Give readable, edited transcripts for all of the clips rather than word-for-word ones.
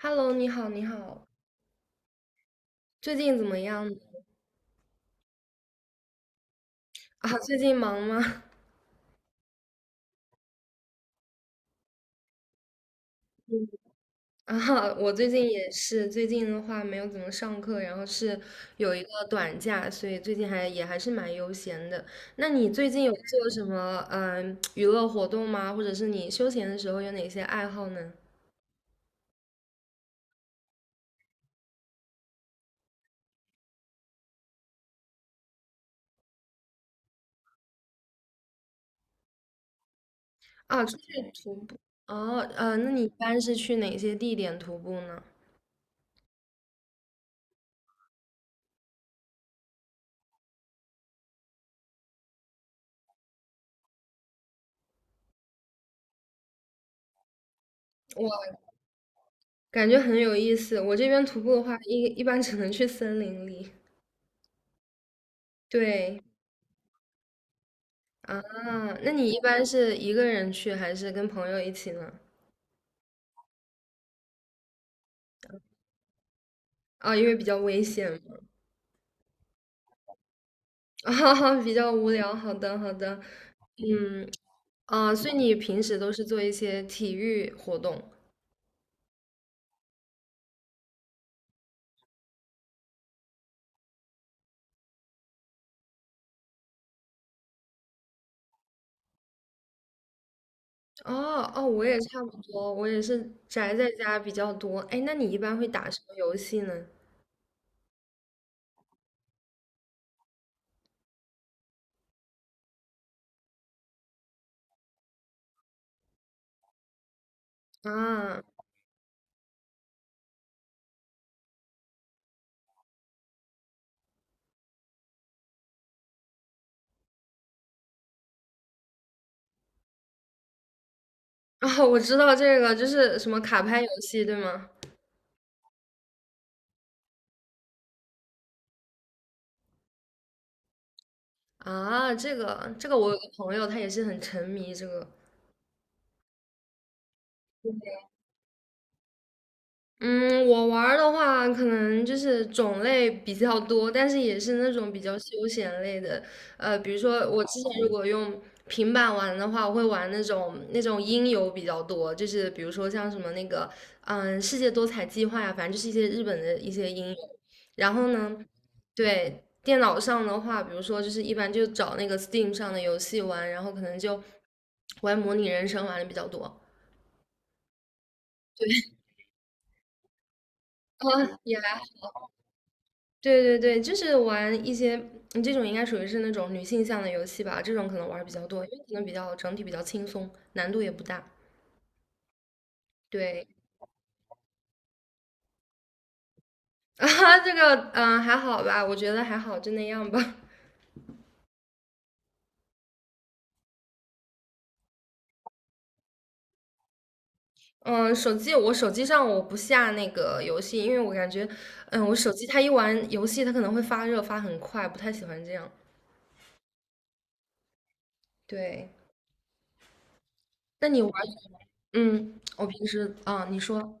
Hello，你好，你好，最近怎么样啊？最近忙吗？啊，我最近也是，最近的话没有怎么上课，然后是有一个短假，所以最近还也还是蛮悠闲的。那你最近有做什么娱乐活动吗？或者是你休闲的时候有哪些爱好呢？啊，出去徒步。哦，那你一般是去哪些地点徒步呢？我感觉很有意思。我这边徒步的话，一般只能去森林里。对，啊，那你一般是一个人去还是跟朋友一起呢？啊，因为比较危险嘛，啊，比较无聊。好的，好的，嗯，啊，所以你平时都是做一些体育活动？哦，哦，我也差不多，我也是宅在家比较多。哎，那你一般会打什么游戏呢？啊，哦，我知道这个，就是什么卡牌游戏，对吗？啊，这个，这个我有个朋友，他也是很沉迷这个。嗯，我玩儿的话，可能就是种类比较多，但是也是那种比较休闲类的。比如说我之前如果用平板玩的话，我会玩那种音游比较多，就是比如说像什么那个世界多彩计划呀，反正就是一些日本的一些音游。然后呢，对，电脑上的话，比如说就是一般就找那个 Steam 上的游戏玩，然后可能就玩模拟人生玩的比较多。啊，也对对对，就是玩一些这种应该属于是那种女性向的游戏吧，这种可能玩儿比较多，因为可能比较整体比较轻松，难度也不大。对 啊，这个还好吧，我觉得还好，就那样吧。嗯，手机上我不下那个游戏，因为我感觉，嗯，我手机它一玩游戏它可能会发热发很快，不太喜欢这样。对，那你玩，嗯，我平时啊，你说。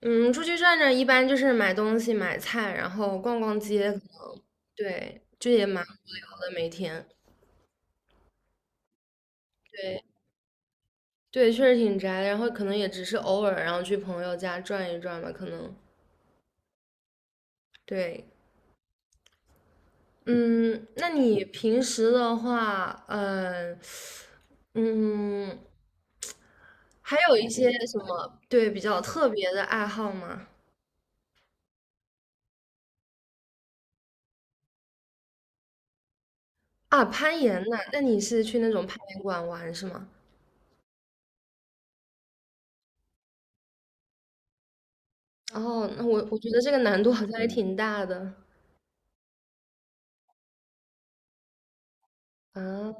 嗯，出去转转一般就是买东西、买菜，然后逛逛街，对，就也蛮无聊的，每天。对对，确实挺宅的。然后可能也只是偶尔，然后去朋友家转一转吧，可能。对，嗯，那你平时的话，嗯，还有一些什么对比较特别的爱好吗？啊，攀岩呐，那你是去那种攀岩馆玩是吗？哦，那我觉得这个难度好像还挺大的啊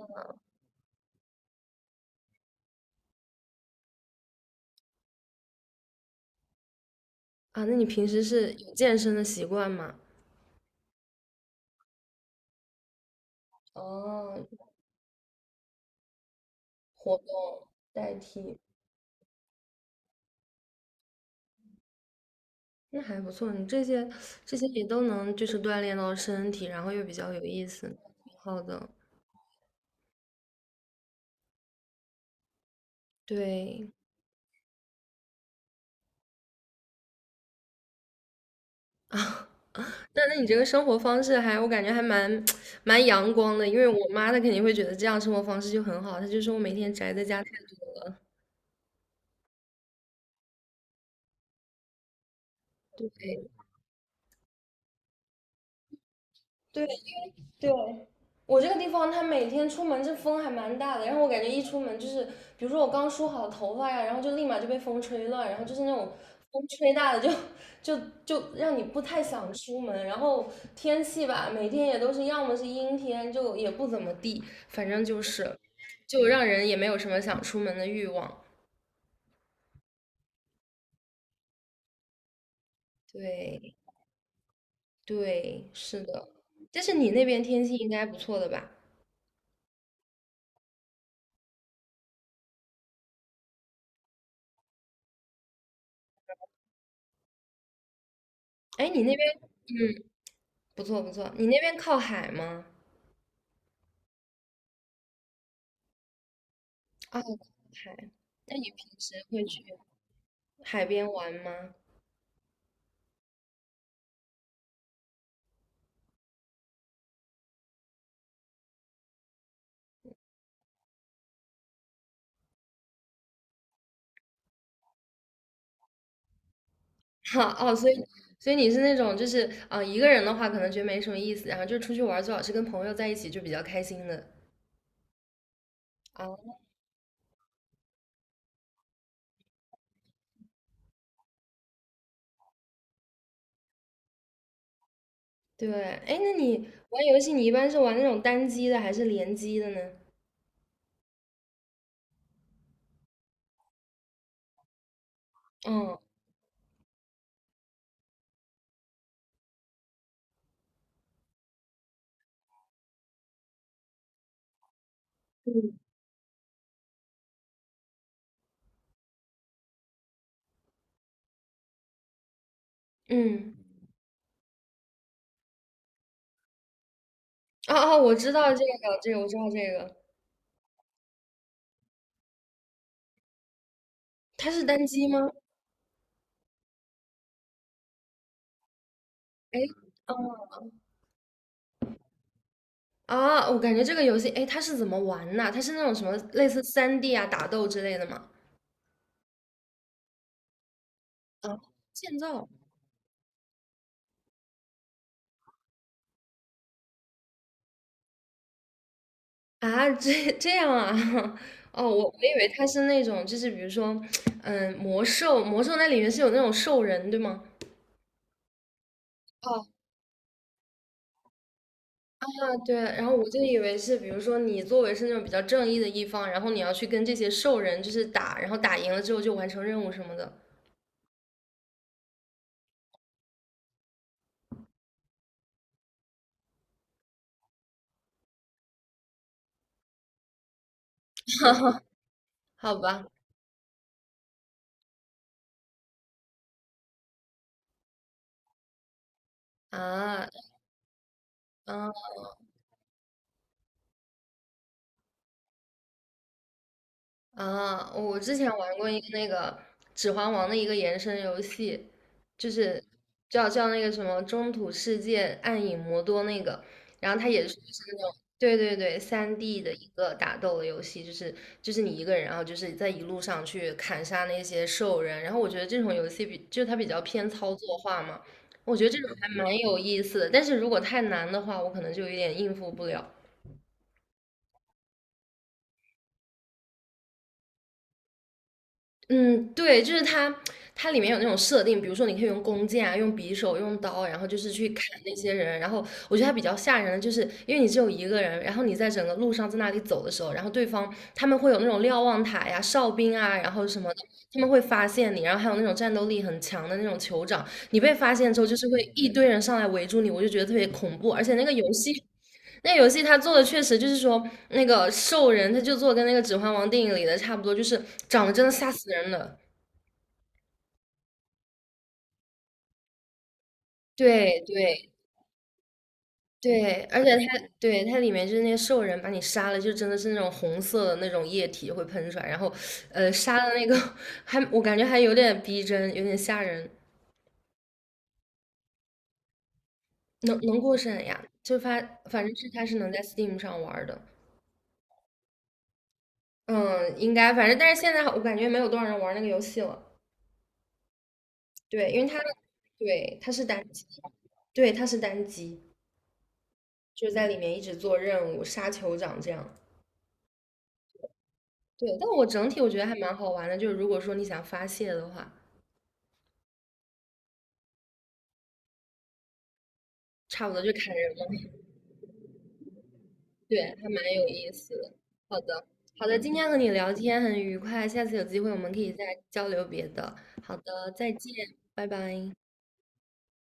啊！那你平时是有健身的习惯吗？哦，活动代替。那还不错，你这些也都能就是锻炼到身体，然后又比较有意思，挺好的。对 啊，那那你这个生活方式还我感觉还蛮 蛮阳光的，因为我妈她肯定会觉得这样生活方式就很好，她就说我每天宅在家太多了。对。对，我这个地方，它每天出门这风还蛮大的，然后我感觉一出门就是，比如说我刚梳好头发呀，然后就立马就被风吹乱，然后就是那种风吹大的就让你不太想出门，然后天气吧，每天也都是要么是阴天，就也不怎么地，反正就是就让人也没有什么想出门的欲望。对对，是的，但是你那边天气应该不错的吧？哎，你那边不错不错，你那边靠海吗？啊，海那你平时会去？海边玩吗？哈哦，所以所以你是那种就是一个人的话可能觉得没什么意思，然后就是出去玩儿最好是跟朋友在一起就比较开心的。啊，对，哎，那你玩游戏你一般是玩那种单机的还是联机的呢？嗯嗯，嗯，哦哦，我知道这个，这个我知道这个，它是单机吗？哎，啊，我感觉这个游戏，哎，它是怎么玩呐？它是那种什么类似三 d 啊打斗之类的吗？啊，建造啊，这样啊？哦，我以为他是那种，就是比如说，嗯，魔兽，魔兽那里面是有那种兽人，对吗？哦，啊，对，然后我就以为是，比如说你作为是那种比较正义的一方，然后你要去跟这些兽人就是打，然后打赢了之后就完成任务什么的，好吧？啊，嗯。啊，我之前玩过一个那个《指环王》的一个延伸游戏，就是叫那个什么《中土世界：暗影魔多》那个，然后它也是就是那种对对对三 d 的一个打斗的游戏，就是就是你一个人，然后就是在一路上去砍杀那些兽人，然后我觉得这种游戏比就它比较偏操作化嘛，我觉得这种还蛮有意思的，但是如果太难的话，我可能就有点应付不了。嗯，对，就是它，它里面有那种设定，比如说你可以用弓箭啊，用匕首，用刀，然后就是去砍那些人。然后我觉得它比较吓人的，就是因为你只有一个人，然后你在整个路上在那里走的时候，然后对方他们会有那种瞭望塔呀、哨兵啊，然后什么的，他们会发现你，然后还有那种战斗力很强的那种酋长，你被发现之后，就是会一堆人上来围住你，我就觉得特别恐怖。而且那个游戏那游戏它做的确实就是说，那个兽人他就做跟那个《指环王》电影里的差不多，就是长得真的吓死人了。对对对，而且它对它里面就是那个兽人把你杀了，就真的是那种红色的那种液体会喷出来，然后杀的那个 还我感觉还有点逼真，有点吓人，能过审呀？就发反正是它是能在 Steam 上玩儿的，嗯，应该反正但是现在我感觉没有多少人玩那个游戏了。对，因为它对它是单机，对它是单机，就是在里面一直做任务、杀酋长这样。对，但我整体我觉得还蛮好玩的，就是如果说你想发泄的话，差不多就砍人嘛。对，还蛮有意思的。好的，好的，今天和你聊天很愉快，下次有机会我们可以再交流别的。好的，再见，拜拜。